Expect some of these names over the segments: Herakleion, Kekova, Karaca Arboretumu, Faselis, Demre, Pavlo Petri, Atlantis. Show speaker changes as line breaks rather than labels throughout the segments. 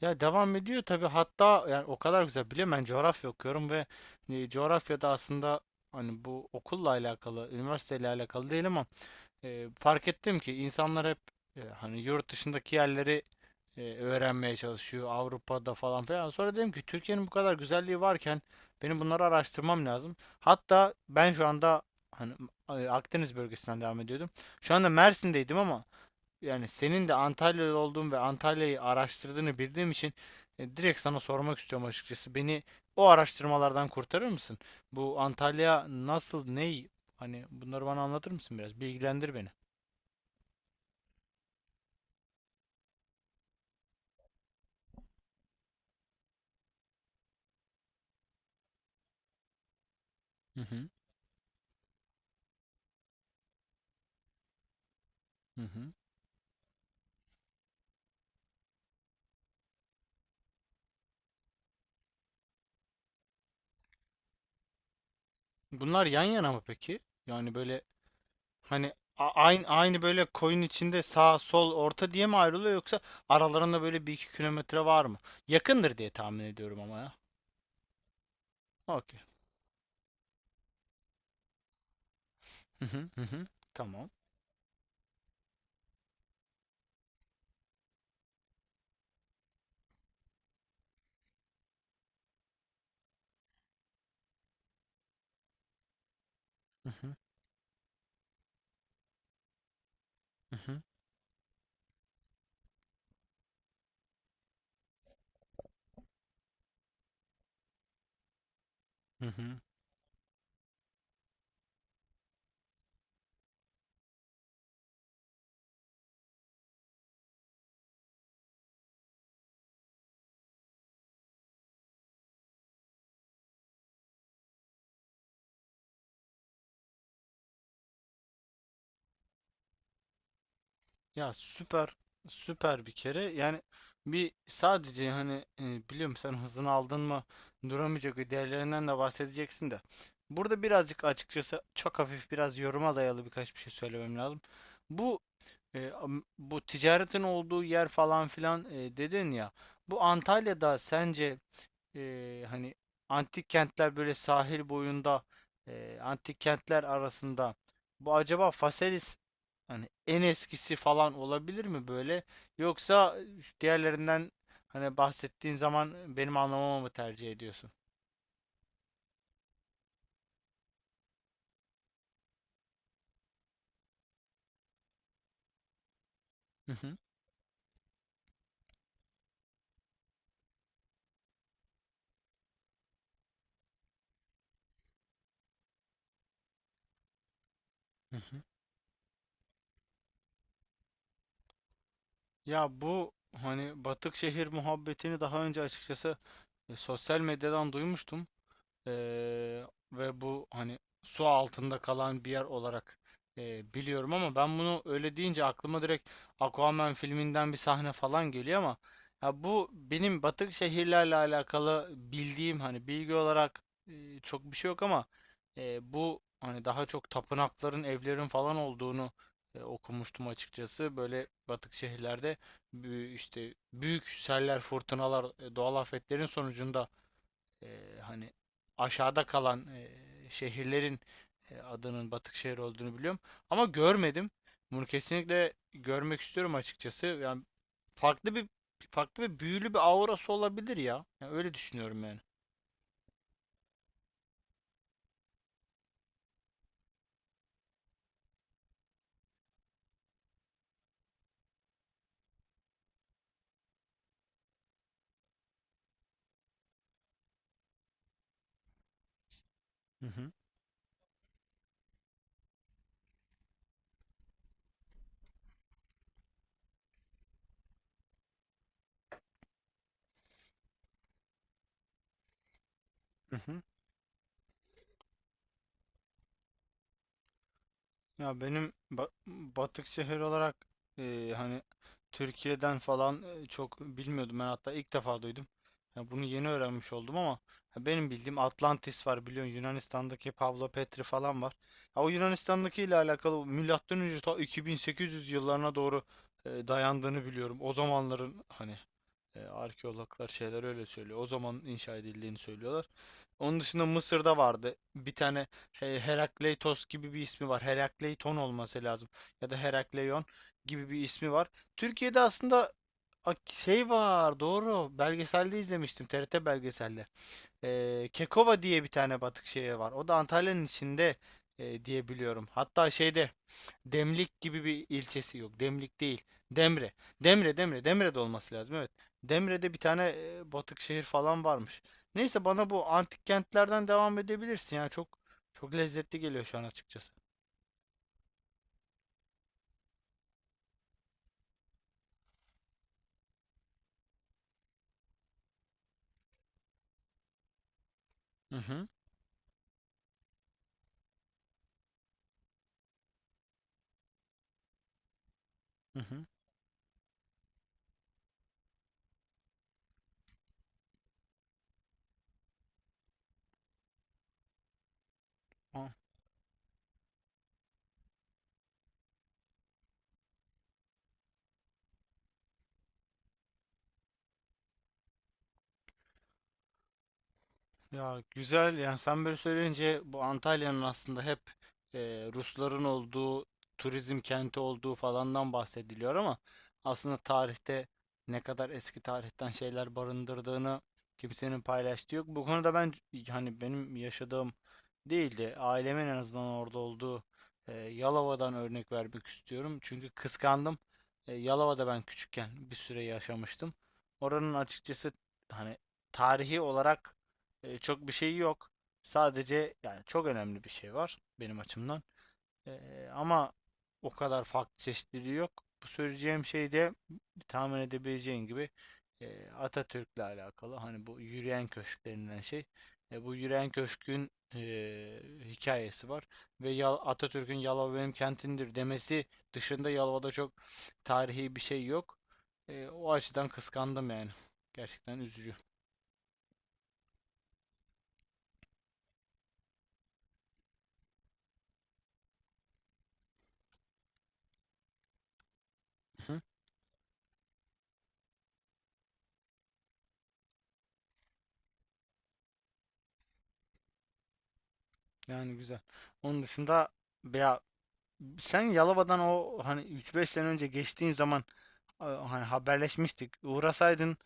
Ya, devam ediyor tabii. Hatta yani o kadar güzel biliyorum, ben coğrafya okuyorum ve coğrafyada aslında hani bu okulla alakalı, üniversiteyle alakalı değil ama fark ettim ki insanlar hep hani yurt dışındaki yerleri öğrenmeye çalışıyor Avrupa'da falan filan. Sonra dedim ki Türkiye'nin bu kadar güzelliği varken benim bunları araştırmam lazım. Hatta ben şu anda hani Akdeniz bölgesinden devam ediyordum. Şu anda Mersin'deydim ama yani senin de Antalyalı olduğun ve Antalya'yı araştırdığını bildiğim için direkt sana sormak istiyorum açıkçası. Beni o araştırmalardan kurtarır mısın? Bu Antalya nasıl, ney? Hani bunları bana anlatır mısın biraz? Bilgilendir beni. Hı hı. Hı hı. Bunlar yan yana mı peki? Yani böyle hani aynı aynı böyle koyun içinde sağ sol orta diye mi ayrılıyor, yoksa aralarında böyle bir iki kilometre var mı? Yakındır diye tahmin ediyorum ama ya. Okey. Hı hı. Hı hı. Tamam. Hı hı. Hı hı. Hı hı. Ya, süper süper bir kere yani, bir sadece hani biliyorum sen hızını aldın mı duramayacak değerlerinden de bahsedeceksin de, burada birazcık açıkçası çok hafif biraz yoruma dayalı birkaç bir şey söylemem lazım. Bu bu ticaretin olduğu yer falan filan dedin ya, bu Antalya'da sence hani antik kentler böyle sahil boyunda, antik kentler arasında bu acaba Faselis hani en eskisi falan olabilir mi böyle, yoksa diğerlerinden hani bahsettiğin zaman benim anlamamı mı tercih ediyorsun? Hı hı. Hı hı. Ya, bu hani batık şehir muhabbetini daha önce açıkçası sosyal medyadan duymuştum. Eee, ve bu hani su altında kalan bir yer olarak biliyorum, ama ben bunu öyle deyince aklıma direkt Aquaman filminden bir sahne falan geliyor ama. Ya, bu benim batık şehirlerle alakalı bildiğim hani bilgi olarak çok bir şey yok ama bu hani daha çok tapınakların, evlerin falan olduğunu okumuştum açıkçası. Böyle batık şehirlerde işte büyük seller, fırtınalar, doğal afetlerin sonucunda hani aşağıda kalan şehirlerin adının batık şehir olduğunu biliyorum. Ama görmedim. Bunu kesinlikle görmek istiyorum açıkçası. Yani farklı bir farklı bir büyülü bir aurası olabilir ya. Yani öyle düşünüyorum yani. Hı hı. Hı hı. Ya benim batık şehir olarak hani Türkiye'den falan çok bilmiyordum. Ben hatta ilk defa duydum. Ya, bunu yeni öğrenmiş oldum ama, ya benim bildiğim Atlantis var biliyorsun, Yunanistan'daki Pavlo Petri falan var. Ya, o Yunanistan'daki ile alakalı milattan önce ta 2800 yıllarına doğru dayandığını biliyorum. O zamanların hani arkeologlar şeyler öyle söylüyor. O zaman inşa edildiğini söylüyorlar. Onun dışında Mısır'da vardı. Bir tane Herakleitos gibi bir ismi var. Herakleiton olması lazım. Ya da Herakleion gibi bir ismi var. Türkiye'de aslında şey var, doğru. Belgeselde izlemiştim. TRT belgeselde. Kekova diye bir tane batık şehir var. O da Antalya'nın içinde diye biliyorum. Hatta şeyde Demlik gibi bir ilçesi yok. Demlik değil. Demre. Demre'de olması lazım. Evet. Demre'de bir tane batık şehir falan varmış. Neyse, bana bu antik kentlerden devam edebilirsin. Yani çok çok lezzetli geliyor şu an açıkçası. Hı hı. Hı hı. Aa. Ya güzel, yani sen böyle söyleyince bu Antalya'nın aslında hep e, Rusların olduğu, turizm kenti olduğu falandan bahsediliyor ama aslında tarihte ne kadar eski tarihten şeyler barındırdığını kimsenin paylaştığı yok. Bu konuda ben hani benim yaşadığım değildi. Ailemin en azından orada olduğu Yalova'dan örnek vermek istiyorum. Çünkü kıskandım. Yalova'da ben küçükken bir süre yaşamıştım. Oranın açıkçası hani tarihi olarak çok bir şey yok. Sadece yani çok önemli bir şey var benim açımdan. Ama o kadar farklı çeşitliliği yok. Bu söyleyeceğim şey de tahmin edebileceğin gibi Atatürk'le alakalı. Hani bu yürüyen köşk denilen şey. Bu yürüyen köşkün hikayesi var. Ve Atatürk'ün Yalova benim kentimdir demesi dışında Yalova'da çok tarihi bir şey yok. O açıdan kıskandım yani. Gerçekten üzücü. Hı? Yani güzel. Onun dışında ya, sen Yalova'dan o hani üç beş sene önce geçtiğin zaman hani haberleşmiştik. Uğrasaydın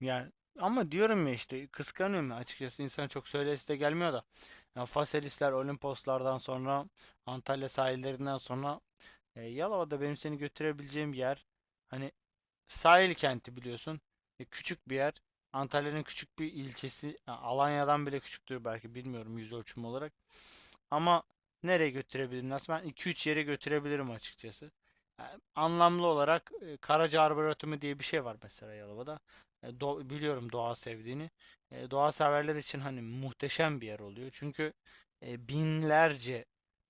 yani, ama diyorum ya işte, kıskanıyorum ya açıkçası, insan çok söylesi de gelmiyor da. Ya, Faselisler, Olimposlardan sonra, Antalya sahillerinden sonra Yalova'da benim seni götürebileceğim bir yer. Hani sahil kenti biliyorsun. Küçük bir yer. Antalya'nın küçük bir ilçesi. Ha, Alanya'dan bile küçüktür belki, bilmiyorum yüz ölçümü olarak. Ama nereye götürebilirim? Aslında ben 2-3 yere götürebilirim açıkçası. Yani anlamlı olarak Karaca Arboretumu diye bir şey var mesela Yalova'da. Biliyorum doğa sevdiğini. Doğa severler için hani muhteşem bir yer oluyor. Çünkü binlerce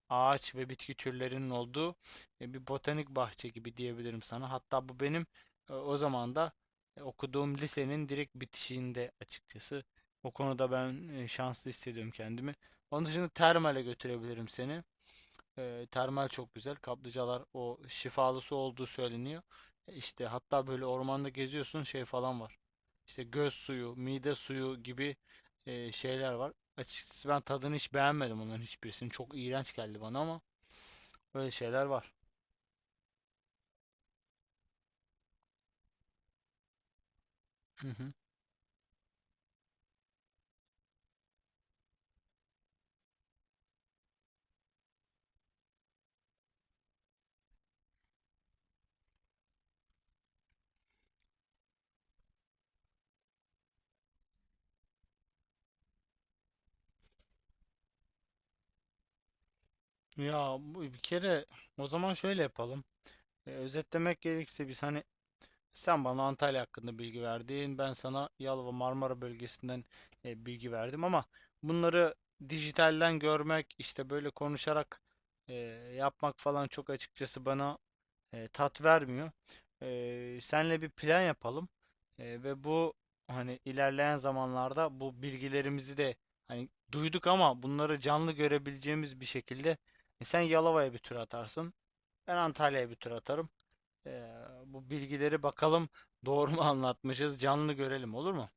ağaç ve bitki türlerinin olduğu bir botanik bahçe gibi diyebilirim sana. Hatta bu benim o zaman da okuduğum lisenin direkt bitişiğinde açıkçası. O konuda ben şanslı hissediyorum kendimi. Onun dışında termale götürebilirim seni. Termal çok güzel. Kaplıcalar o şifalı su olduğu söyleniyor. İşte hatta böyle ormanda geziyorsun, şey falan var. İşte göz suyu, mide suyu gibi şeyler var. Açıkçası ben tadını hiç beğenmedim onların hiçbirisini. Çok iğrenç geldi bana, ama böyle şeyler var. Hı hı. Ya, bu bir kere o zaman şöyle yapalım. Özetlemek gerekirse, biz hani sen bana Antalya hakkında bilgi verdin, ben sana Yalova, Marmara bölgesinden bilgi verdim, ama bunları dijitalden görmek, işte böyle konuşarak e, yapmak falan çok açıkçası bana tat vermiyor. Senle bir plan yapalım. Ve bu hani ilerleyen zamanlarda bu bilgilerimizi de hani duyduk ama bunları canlı görebileceğimiz bir şekilde, sen Yalova'ya bir tur atarsın, ben Antalya'ya bir tur atarım. Eee, bu bilgileri bakalım doğru mu anlatmışız, canlı görelim, olur mu?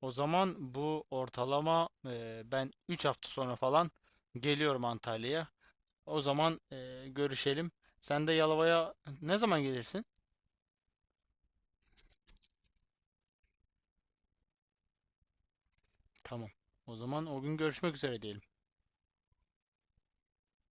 O zaman bu ortalama ben 3 hafta sonra falan geliyorum Antalya'ya. O zaman görüşelim. Sen de Yalova'ya ne zaman gelirsin? Tamam. O zaman o gün görüşmek üzere diyelim.